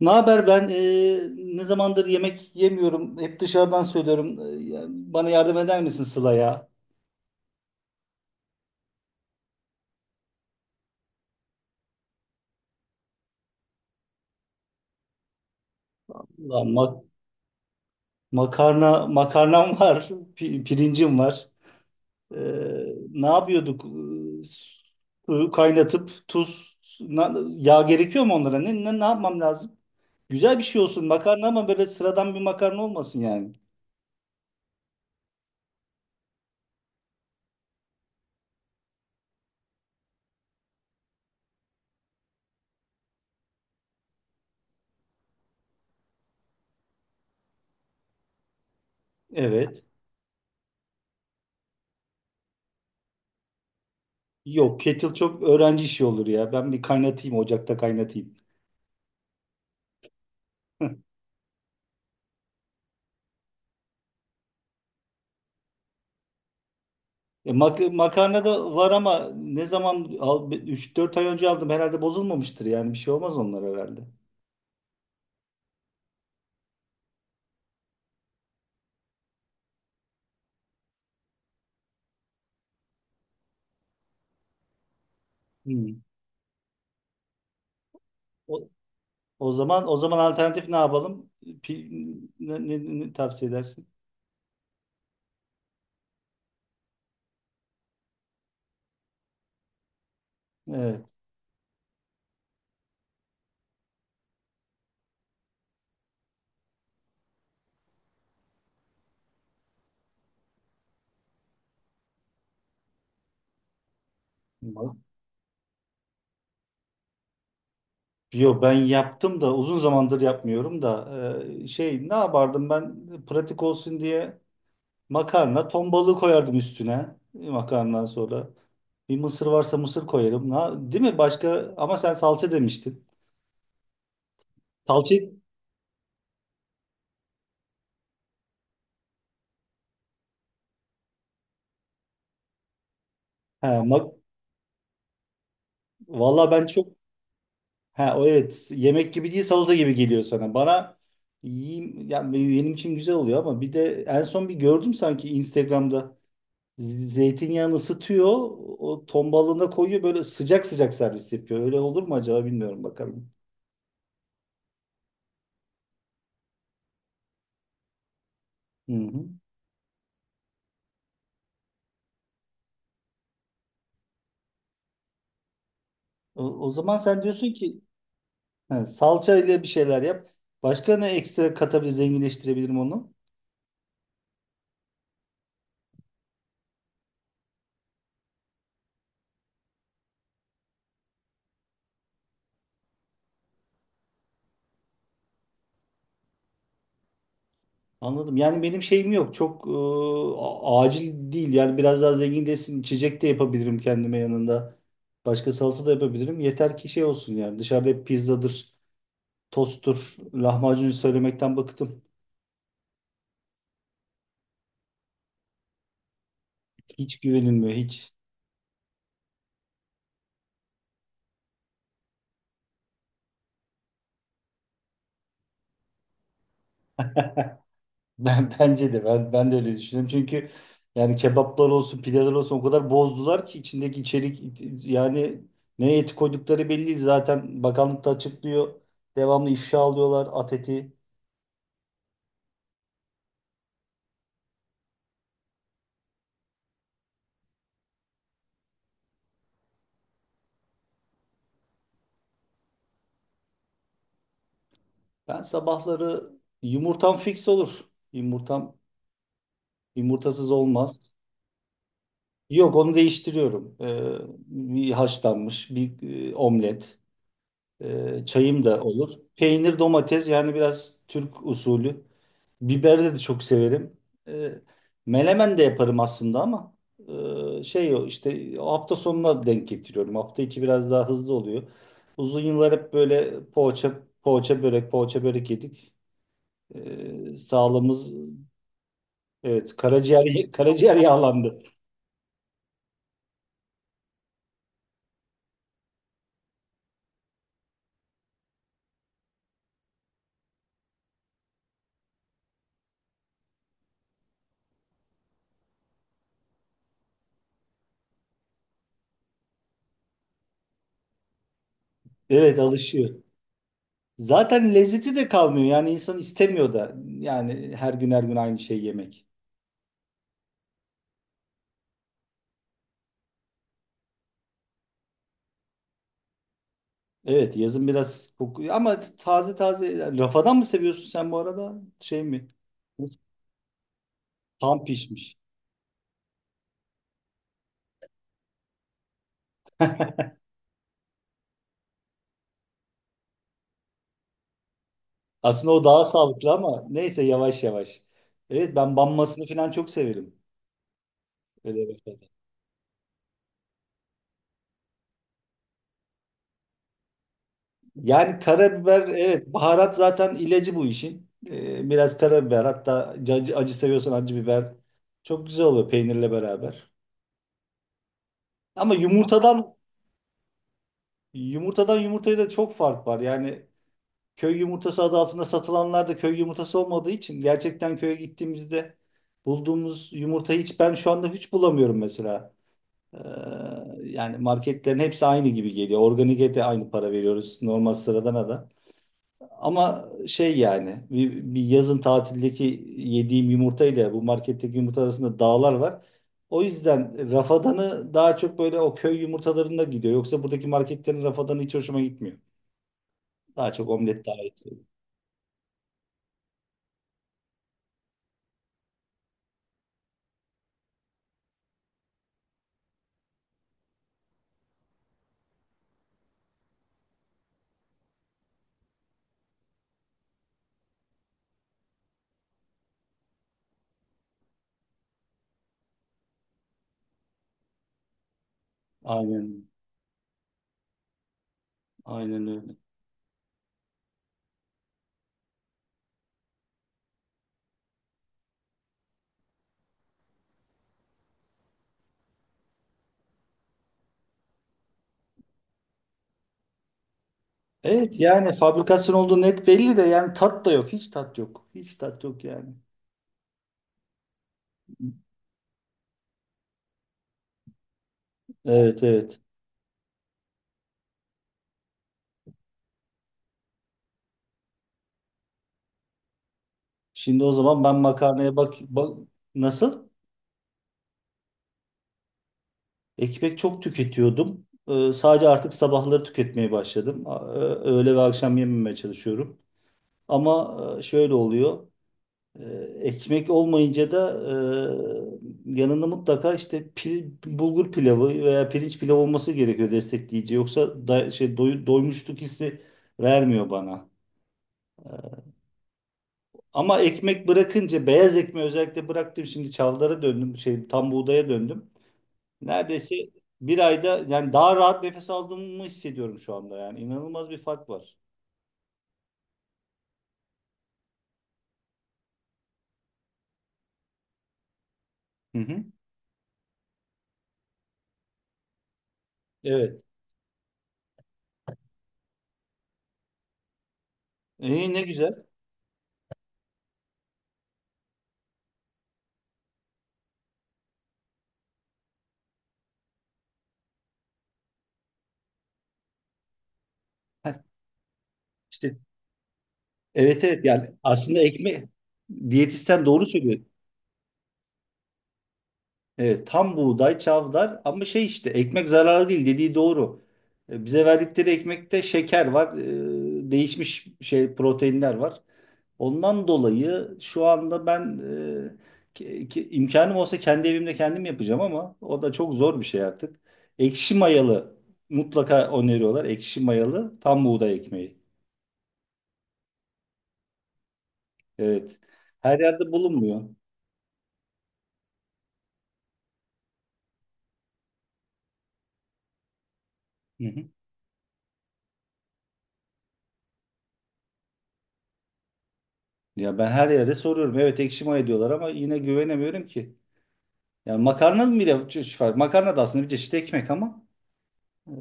Ne haber? Ben ne zamandır yemek yemiyorum. Hep dışarıdan söylüyorum. Yani bana yardım eder misin, Sıla ya? Ulan makarnam var, pirincim var. E, Ne yapıyorduk? E, Suyu kaynatıp tuz, yağ gerekiyor mu onlara? Ne yapmam lazım? Güzel bir şey olsun makarna, ama böyle sıradan bir makarna olmasın yani. Evet. Yok, kettle çok öğrenci işi olur ya. Ben bir kaynatayım, ocakta kaynatayım. Makarna da var ama ne zaman al 3-4 ay önce aldım herhalde, bozulmamıştır yani, bir şey olmaz onlar herhalde. Hmm. O, o zaman alternatif ne yapalım? Ne tavsiye edersin? Evet. Ma- Yo, ben yaptım da uzun zamandır yapmıyorum da, şey ne yapardım ben pratik olsun diye, makarna ton balığı koyardım üstüne, makarnadan sonra. Bir mısır varsa mısır koyarım. Değil mi? Başka, ama sen salça demiştin. Salça. He, valla ben çok... Ha, o evet, yemek gibi değil, salata gibi geliyor sana. Bana, yiyeyim yani, benim için güzel oluyor. Ama bir de en son bir gördüm sanki Instagram'da, zeytinyağını ısıtıyor, o ton balığına koyuyor, böyle sıcak sıcak servis yapıyor. Öyle olur mu acaba, bilmiyorum, bakalım. Hı hı. O zaman sen diyorsun ki, ha, salça ile bir şeyler yap. Başka ne ekstra katabilir, zenginleştirebilirim onu? Anladım. Yani benim şeyim yok. Çok acil değil. Yani biraz daha zenginleşsin. İçecek de yapabilirim kendime yanında. Başka salata da yapabilirim. Yeter ki şey olsun yani. Dışarıda hep pizzadır, tosttur, lahmacun söylemekten bıktım. Hiç güvenilmiyor, hiç. Ben de öyle düşünüyorum. Çünkü yani kebaplar olsun, pideler olsun, o kadar bozdular ki içindeki içerik, yani ne eti koydukları belli değil. Zaten bakanlık da açıklıyor. Devamlı ifşa alıyorlar, at eti. Ben sabahları yumurtam fix olur. Yumurtam, yumurtasız olmaz. Yok, onu değiştiriyorum. Bir haşlanmış, bir omlet, çayım da olur. Peynir, domates, yani biraz Türk usulü. Biberi de çok severim. Ee, Melemen de yaparım aslında, ama e, şey o işte o hafta sonuna denk getiriyorum. Hafta içi biraz daha hızlı oluyor. Uzun yıllar hep böyle poğaça, poğaça börek, poğaça börek yedik. Sağlığımız... Evet, karaciğer yağlandı. Evet, alışıyor. Zaten lezzeti de kalmıyor. Yani insan istemiyor da. Yani her gün her gün aynı şeyi yemek. Evet, yazın biraz kokuyor. Ama taze taze, rafadan mı seviyorsun sen bu arada? Şey mi? Tam pişmiş. Aslında o daha sağlıklı, ama neyse, yavaş yavaş. Evet, ben banmasını falan çok severim. Öyle. Yani karabiber, evet, baharat zaten ilacı bu işin. Biraz karabiber, hatta acı, acı seviyorsan acı biber çok güzel oluyor peynirle beraber. Ama yumurtadan yumurtaya da çok fark var. Yani köy yumurtası adı altında satılanlar da köy yumurtası olmadığı için, gerçekten köye gittiğimizde bulduğumuz yumurtayı hiç, ben şu anda hiç bulamıyorum mesela. Ee, Yani marketlerin hepsi aynı gibi geliyor. Organik'e de aynı para veriyoruz, normal sıradana da. Ama şey, yani bir yazın tatildeki yediğim yumurta ile bu marketteki yumurta arasında dağlar var. O yüzden rafadanı daha çok böyle o köy yumurtalarında gidiyor. Yoksa buradaki marketlerin rafadanı hiç hoşuma gitmiyor. Daha çok omlet daha iyi. Aynen. Aynen öyle. Evet, yani fabrikasyon olduğu net belli de, yani tat da yok. Hiç tat yok. Hiç tat yok yani. Evet, evet. Şimdi o zaman ben makarnaya bak, bak nasıl? Ekmek çok tüketiyordum. Sadece artık sabahları tüketmeye başladım. Öğle ve akşam yememeye çalışıyorum. Ama şöyle oluyor. Ee, Ekmek olmayınca da, yanında mutlaka işte bulgur pilavı veya pirinç pilavı olması gerekiyor, destekleyici. Yoksa da, şey, doymuşluk hissi vermiyor bana. Ee, Ama ekmek bırakınca, beyaz ekmeği özellikle bıraktım. Şimdi çavlara döndüm. Şey, tam buğdaya döndüm. Neredeyse bir ayda, yani daha rahat nefes aldığımı hissediyorum şu anda yani. İnanılmaz bir fark var. Hı hı. Evet. İyi, ne güzel. Heh, işte evet, evet, yani aslında ekmek, diyetisyen doğru söylüyor. Evet, tam buğday, çavdar. Ama şey, işte ekmek zararlı değil, dediği doğru. Bize verdikleri ekmekte şeker var, değişmiş şey proteinler var. Ondan dolayı şu anda ben imkanım olsa kendi evimde kendim yapacağım, ama o da çok zor bir şey artık. Ekşi mayalı mutlaka öneriyorlar. Ekşi mayalı tam buğday ekmeği. Evet. Her yerde bulunmuyor. Hı hı. Ya, ben her yerde soruyorum. Evet, ekşi maya diyorlar, ama yine güvenemiyorum ki. Yani makarna bile, makarna da aslında bir çeşit ekmek, ama e,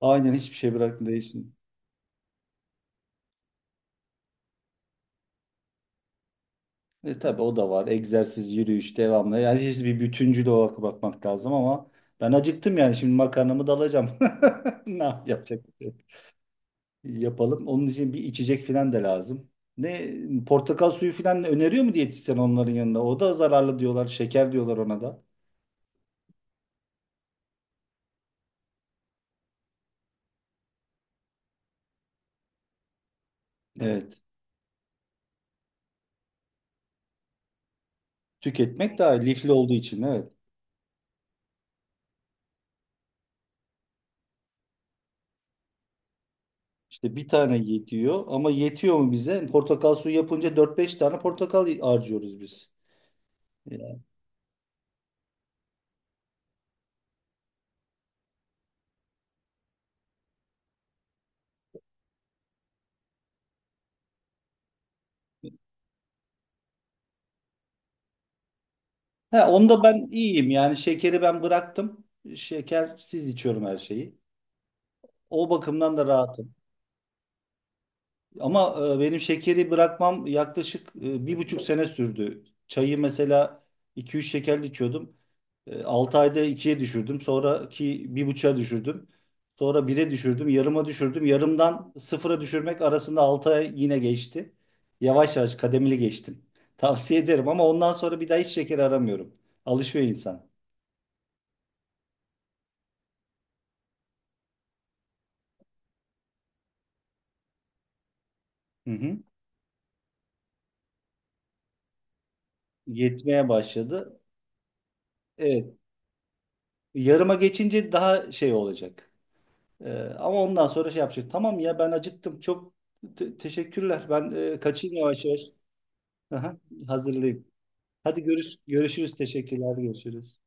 aynen, hiçbir şey bırakmıyor. Tabii, o da var. Egzersiz, yürüyüş devamlı. Yani hepsi bir bütüncül olarak bakmak lazım, ama ben acıktım yani, şimdi makarnamı da alacağım. Ne yapacak? Bir şey yok. Yapalım. Onun için bir içecek falan da lazım. Ne, portakal suyu falan öneriyor mu diyetisyen onların yanında? O da zararlı diyorlar. Şeker diyorlar ona da. Evet. Tüketmek daha iyi, lifli olduğu için, evet. İşte bir tane yetiyor, ama yetiyor mu bize? Portakal suyu yapınca dört beş tane portakal harcıyoruz biz. He, onda ben iyiyim, yani şekeri ben bıraktım. Şekersiz içiyorum her şeyi. O bakımdan da rahatım. Ama benim şekeri bırakmam yaklaşık 1,5 sene sürdü. Çayı mesela iki üç şekerli içiyordum. 6 ayda ikiye düşürdüm. Sonraki 1,5'a düşürdüm. Sonra bir'e düşürdüm. Yarıma düşürdüm. Yarımdan sıfıra düşürmek arasında 6 ay yine geçti. Yavaş yavaş kademeli geçtim. Tavsiye ederim, ama ondan sonra bir daha hiç şeker aramıyorum. Alışıyor insan. Hı hı. Yetmeye başladı. Evet. Yarıma geçince daha şey olacak. Ee, Ama ondan sonra şey yapacak. Tamam ya, ben acıktım. Çok teşekkürler. Ben kaçayım yavaş yavaş. Aha, hazırlayayım. Hadi, görüşürüz. Teşekkürler. Görüşürüz.